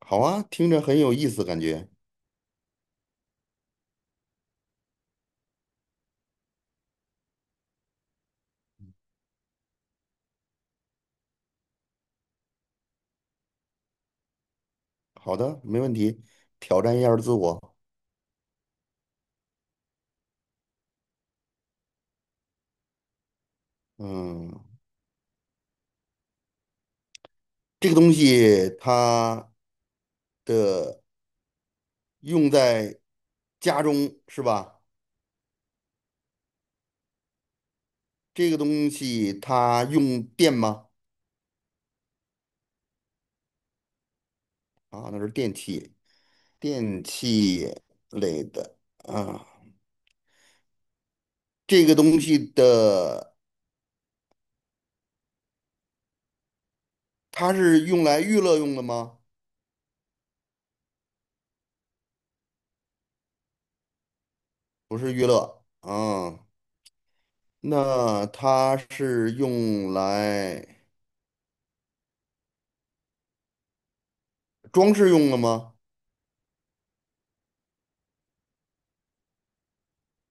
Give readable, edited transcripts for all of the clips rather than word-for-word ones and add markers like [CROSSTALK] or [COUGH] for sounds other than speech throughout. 好啊，听着很有意思，感觉。好的，没问题，挑战一下自我。嗯，这个东西它的用在家中是吧？这个东西它用电吗？啊，那是电器，电器类的啊。这个东西的它是用来娱乐用的吗？不是娱乐啊，那它是用来装饰用的吗？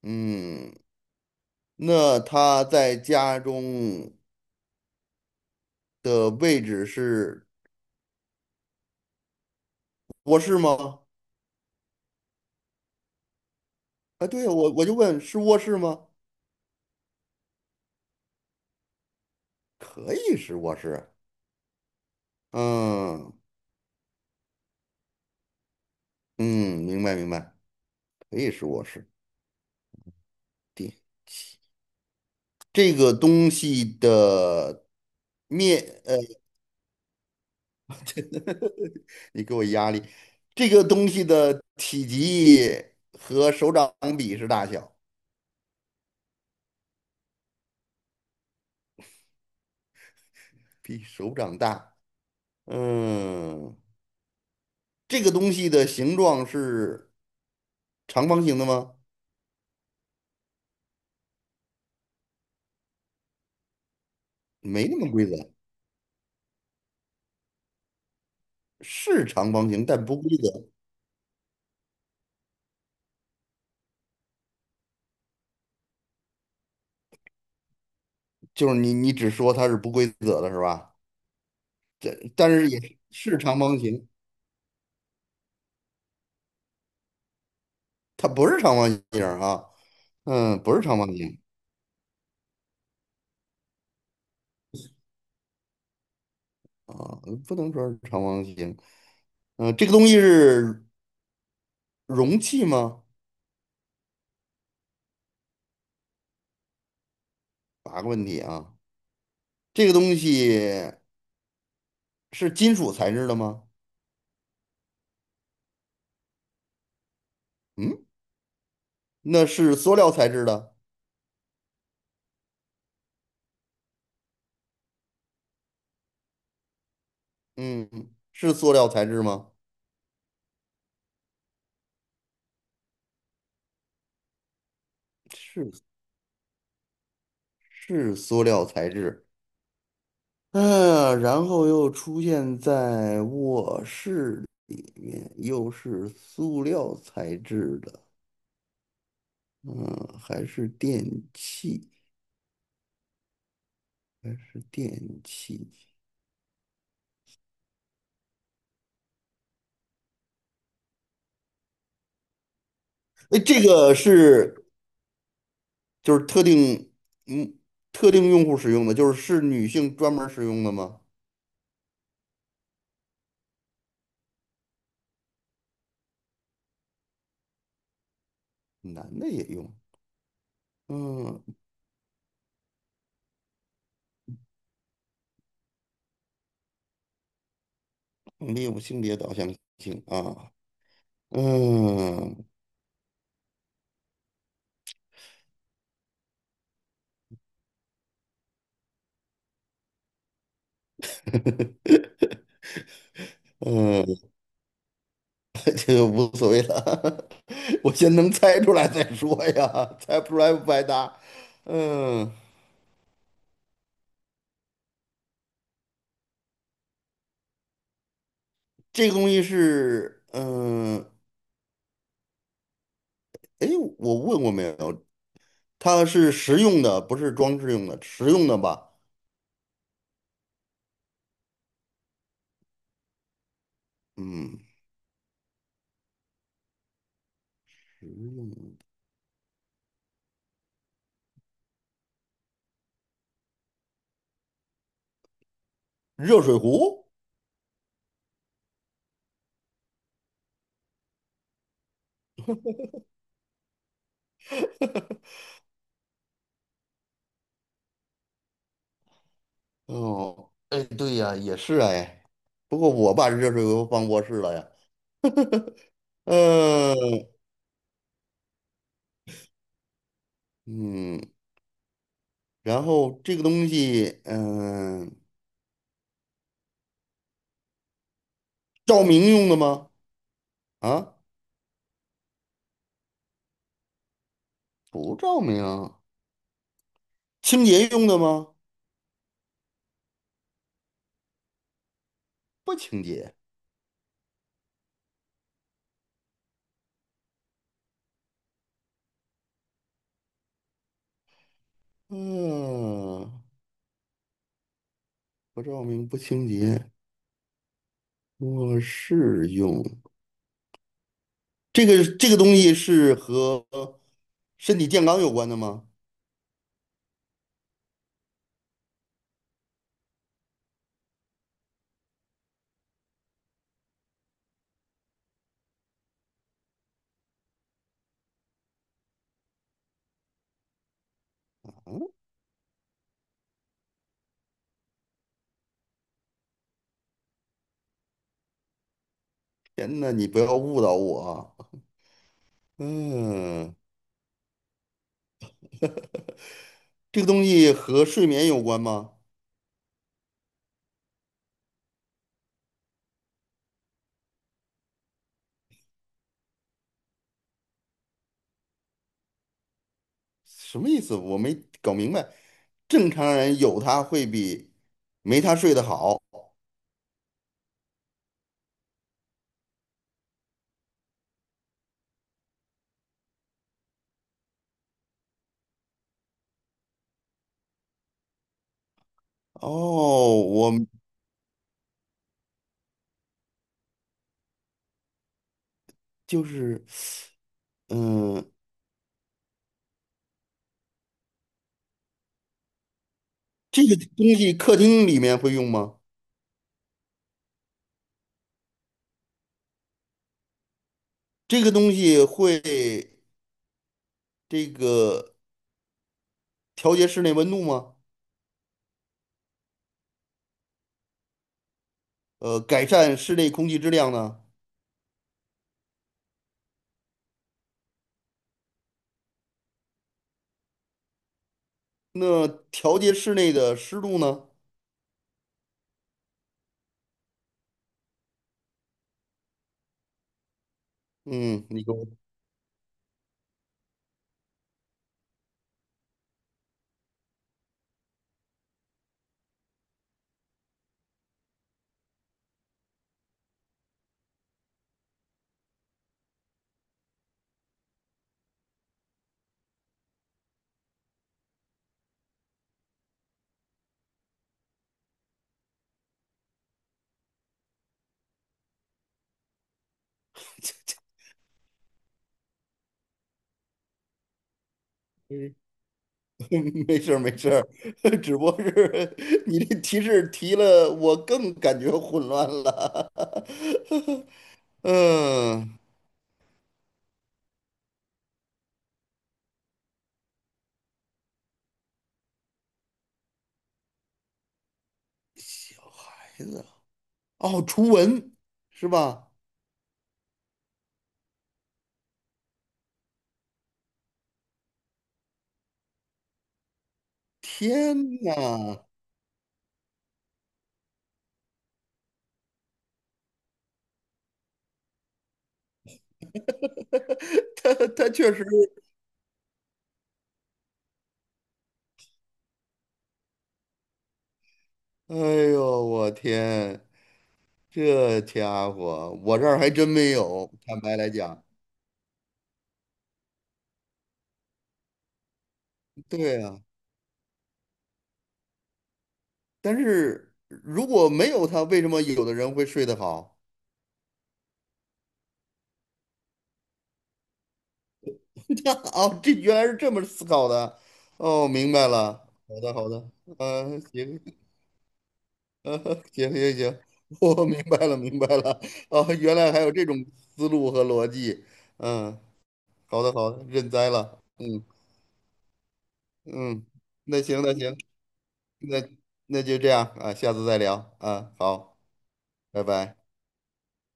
嗯，那他在家中的位置是卧室吗？啊，对呀，我就问是卧室吗？可以是卧室。嗯嗯，明白明白，可以是卧室。对，这个东西的面，你给我压力。这个东西的体积和手掌比是大小，比手掌大。嗯，这个东西的形状是长方形的吗？没那么规则，是长方形，但不规则。就是你只说它是不规则的是吧？这但是也是是长方形，它不是长方形啊，嗯，不是长方形啊，不能说是长方形。嗯，这个东西是容器吗？八个问题啊，这个东西是金属材质的吗？嗯，那是塑料材质的，嗯，是塑料材质吗？是是塑料材质，嗯，然后又出现在卧室里面，又是塑料材质的，嗯，还是电器，还是电器。哎，这个是就是特定，嗯，特定用户使用的，就是是女性专门儿使用的吗？男的也用，嗯，没有性别导向性啊，嗯，[LAUGHS] 嗯，[LAUGHS] 这个无所谓了，[LAUGHS] 我先能猜出来再说呀，猜不出来不白搭。嗯，这个东西是，嗯，哎，我问过没有？它是实用的，不是装饰用的，实用的吧？嗯，实用的热水壶。哦，哎，对呀，也是哎，不过我把热水壶放卧室了呀。嗯嗯，然后这个东西，嗯，照明用的吗？啊？不照明，清洁用的吗？不清洁。嗯，不照明不清洁，卧室用。这个东西是和身体健康有关的吗？嗯，天呐，你不要误导我啊。嗯，这个东西和睡眠有关吗？什么意思？我没搞明白。正常人有它会比没它睡得好。哦，我就是。嗯，这个东西客厅里面会用吗？这个东西会这个调节室内温度吗？改善室内空气质量呢？那调节室内的湿度呢？嗯，你给我，嗯 [LAUGHS] 没事儿没事儿，[LAUGHS] 只不过是 [LAUGHS] 你这提示提了，我更感觉混乱了。[LAUGHS] 嗯，小孩子哦，除蚊是吧？天呐，[LAUGHS] 他确实。哎呦，我天，这家伙，我这儿还真没有。坦白来讲，对啊，但是如果没有他，为什么有的人会睡得好？[LAUGHS] 这哦，这原来是这么思考的。哦，明白了。好的，好的。嗯、行，[LAUGHS] 行行行，[LAUGHS] 我明白了，明白了。哦，原来还有这种思路和逻辑。嗯，好的，好的，认栽了。嗯嗯，那行，那行。那那就这样啊，下次再聊啊，好，拜拜。